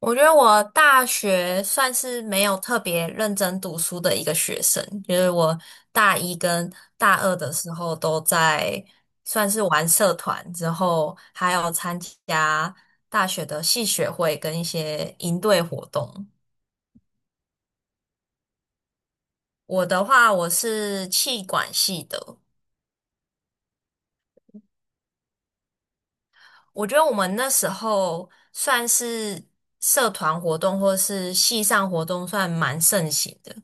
我觉得我大学算是没有特别认真读书的一个学生，就是我大一跟大二的时候都在算是玩社团，之后还有参加大学的系学会跟一些营队活动。我的话，我是气管系的，我觉得我们那时候算是社团活动或是系上活动，算蛮盛行的。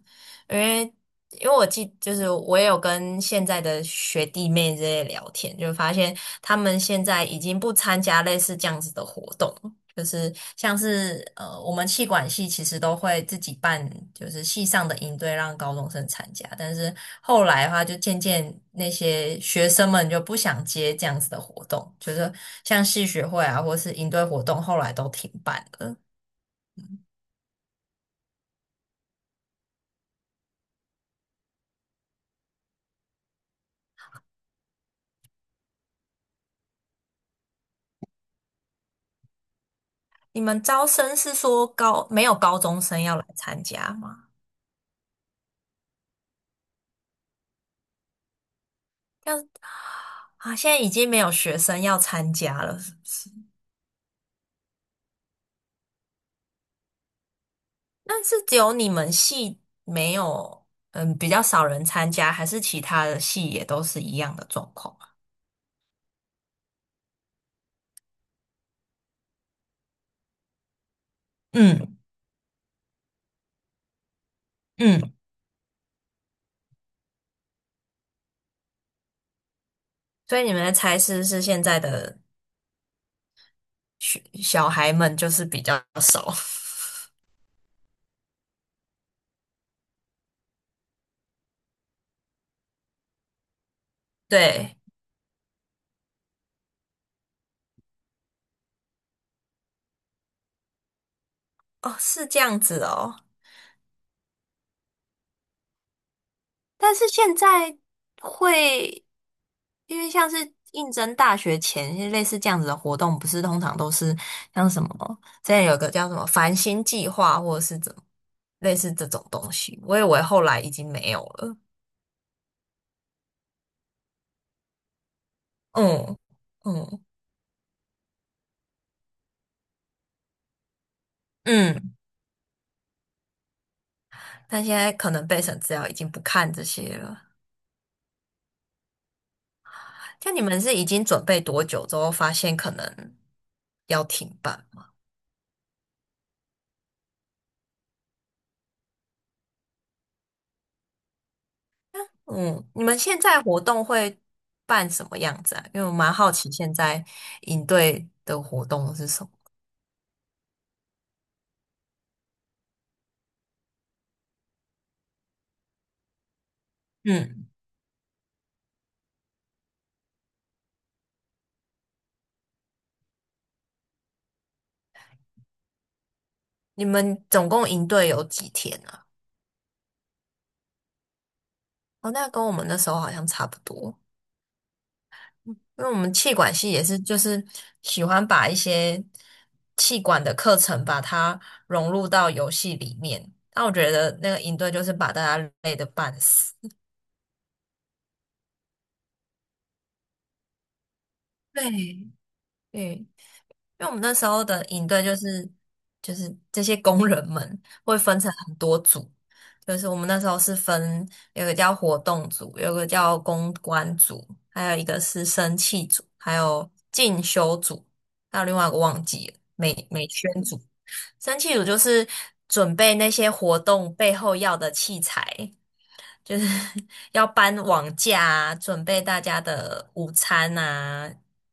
因为因为就是我也有跟现在的学弟妹这些聊天，就发现他们现在已经不参加类似这样子的活动。就是像是我们气管系其实都会自己办，就是系上的营队让高中生参加，但是后来的话，就渐渐那些学生们就不想接这样子的活动，就是像系学会啊，或是营队活动，后来都停办了。你们招生是说没有高中生要来参加吗？啊，现在已经没有学生要参加了，是不是？那是只有你们系没有，嗯，比较少人参加，还是其他的系也都是一样的状况啊？嗯嗯，所以你们的才师是现在的学小孩们就是比较少。对。哦，是这样子哦。但是现在会，因为像是应征大学前类似这样子的活动，不是通常都是像什么，之前有个叫什么繁星计划，或者是怎么类似这种东西，我以为后来已经没有了。嗯嗯嗯，但现在可能备审资料已经不看这些了。像你们是已经准备多久之后发现可能要停办？嗯，你们现在活动会办什么样子啊？因为我蛮好奇现在营队的活动是什么。嗯，你们总共营队有几天啊？哦，那跟我们那时候好像差不多，因为我们气管系也是就是喜欢把一些气管的课程把它融入到游戏里面。那我觉得那个营队就是把大家累得半死。对，对，因为我们那时候的营队就是这些工人们会分成很多组，就是我们那时候是分有个叫活动组，有个叫公关组，还有一个是生气组，还有进修组，还有另外一个忘记了美宣组。生气组就是准备那些活动背后要的器材，就是 要搬网架啊准备大家的午餐啊、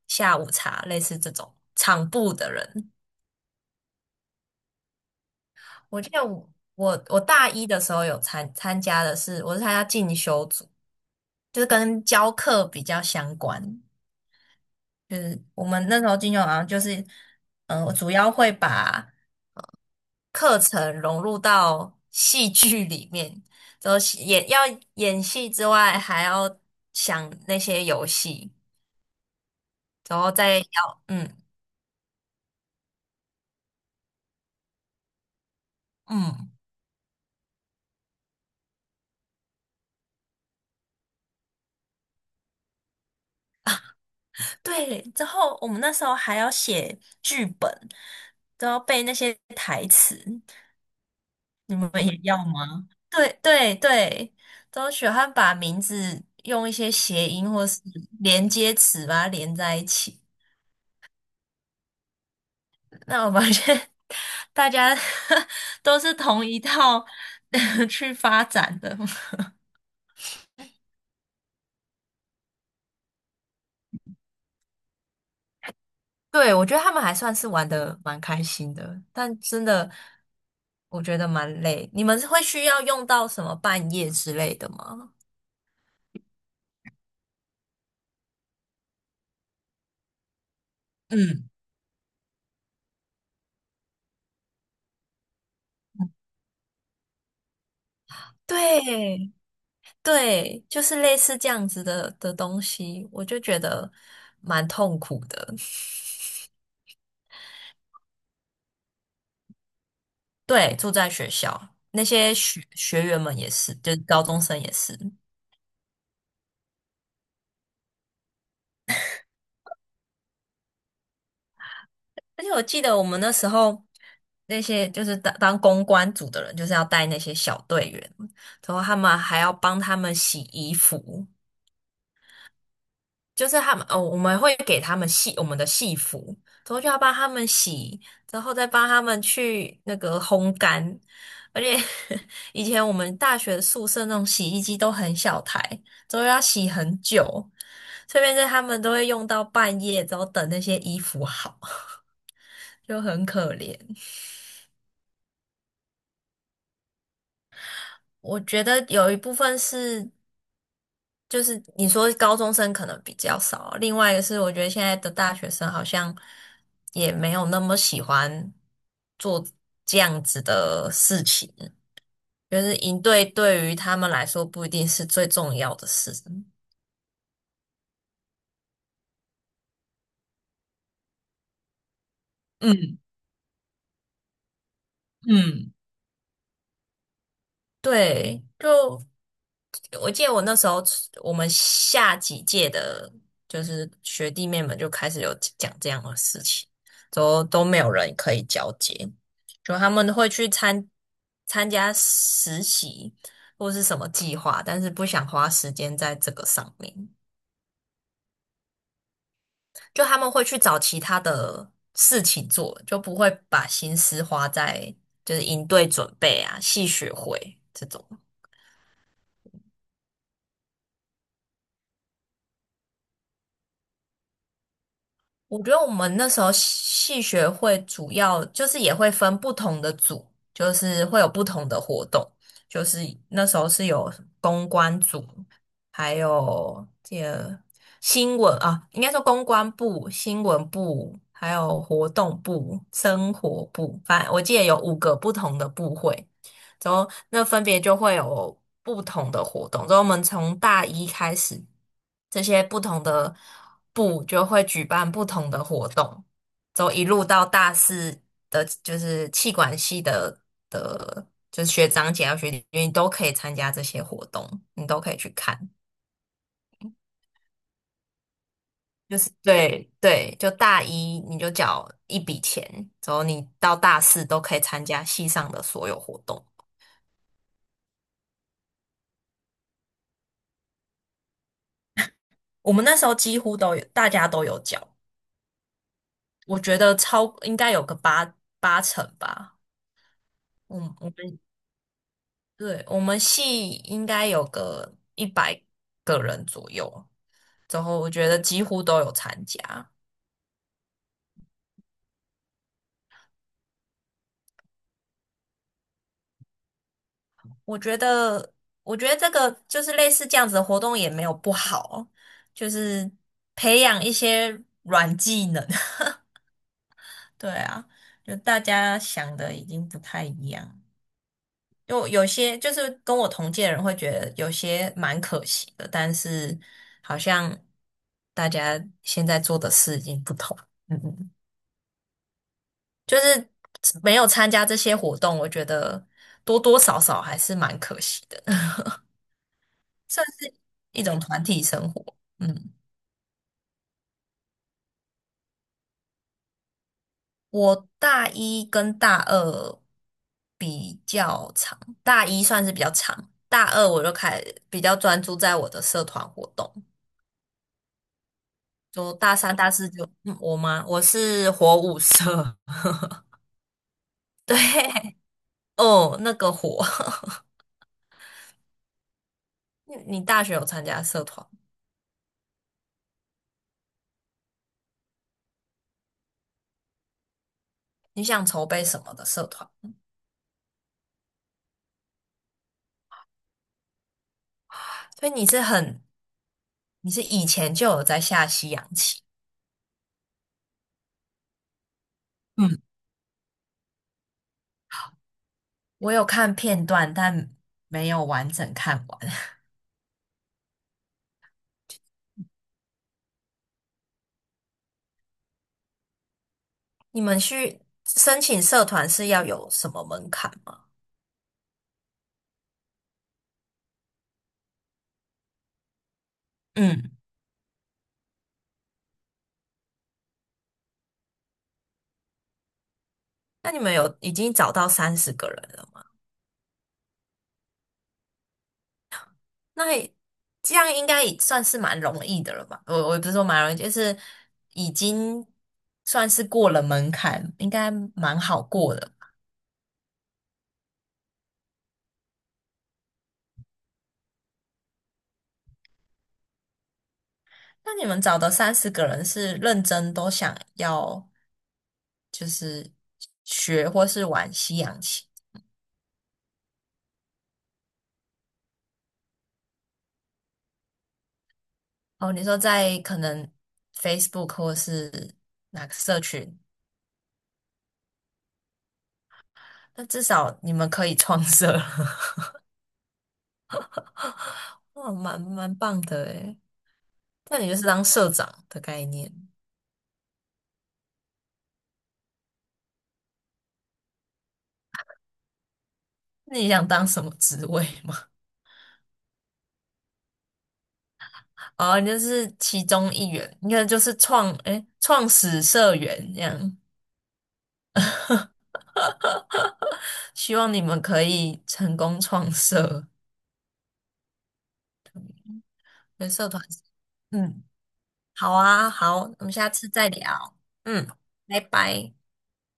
下午茶，类似这种场部的人。我记得我大一的时候有参加的是，我是参加进修组，就是跟教课比较相关。就是我们那时候进修好像就是，主要会把呃课程融入到戏剧里面，就是演要演戏之外，还要想那些游戏，然后再要嗯。对，之后我们那时候还要写剧本，都要背那些台词，你们也要吗？对对对，都喜欢把名字用一些谐音或是连接词把它连在一起。那我发现 大家 都是同一套 去发展的。对，我觉得他们还算是玩的蛮开心的，但真的我觉得蛮累。你们会需要用到什么半夜之类的吗？嗯，对对，就是类似这样子的东西，我就觉得蛮痛苦的。对，住在学校，那些学学员们也是，就是高中生也是。而且我记得我们那时候那些就是当公关组的人，就是要带那些小队员，然后他们还要帮他们洗衣服，就是他们哦，我们会给他们我们的戏服，然后就要帮他们洗，然后再帮他们去那个烘干。而且 以前我们大学宿舍那种洗衣机都很小台，都要洗很久，这边是他们都会用到半夜，然后等那些衣服好，就很可怜。我觉得有一部分是，就是你说高中生可能比较少，另外一个是我觉得现在的大学生好像也没有那么喜欢做这样子的事情，就是营队对于他们来说不一定是最重要的事。嗯嗯，对，就我记得我那时候我们下几届的，就是学弟妹们就开始有讲这样的事情，都没有人可以交接，就他们会去参加实习或是什么计划，但是不想花时间在这个上面，就他们会去找其他的事情做，就不会把心思花在就是营队准备啊、系学会这种。我觉得我们那时候系学会主要就是也会分不同的组，就是会有不同的活动，就是那时候是有公关组，还有这个新闻啊，应该说公关部、新闻部，还有活动部、生活部，反正我记得有五个不同的部会。之后那分别就会有不同的活动。之后我们从大一开始，这些不同的部就会举办不同的活动，之后一路到大四的，就是气管系的，就是学长姐啊学弟，你都可以参加这些活动，你都可以去看。就是对对，就大一你就缴一笔钱，之后你到大四都可以参加系上的所有活动。我们那时候几乎都有，大家都有缴。我觉得超应该有个八成吧。我们对我们系应该有个100个人左右，然后我觉得几乎都有参加。我觉得我觉得这个就是类似这样子的活动也没有不好，就是培养一些软技能。对啊，就大家想的已经不太一样。有些就是跟我同届的人会觉得有些蛮可惜的，但是好像大家现在做的事已经不同。嗯嗯，就是没有参加这些活动，我觉得多多少少还是蛮可惜的，算是一种团体生活。嗯，我大一跟大二比较长，大一算是比较长，大二我就比较专注在我的社团活动。就大三、大四就，我吗？我是火舞社。对。哦，那个火。你大学有参加社团？你想筹备什么的社团？所以你是很，你是以前就有在下西洋棋。嗯，我有看片段，但没有完整看完。你们去申请社团是要有什么门槛吗？嗯，那你们有已经找到三十个人了吗？那也这样应该也算是蛮容易的了吧？我也不是说蛮容易，就是已经算是过了门槛，应该蛮好过的。那你们找的三十个人是认真都想要就是学或是玩西洋棋哦？你说在可能 Facebook 或是哪个社群，那至少你们可以创社。哇，蛮棒的诶。那你就是当社长的概念。那你想当什么职位吗？哦，你就是其中一员，应该就是诶，创始社员这样。希望你们可以成功创社，跟社团。嗯，好啊，好，我们下次再聊。嗯，拜拜。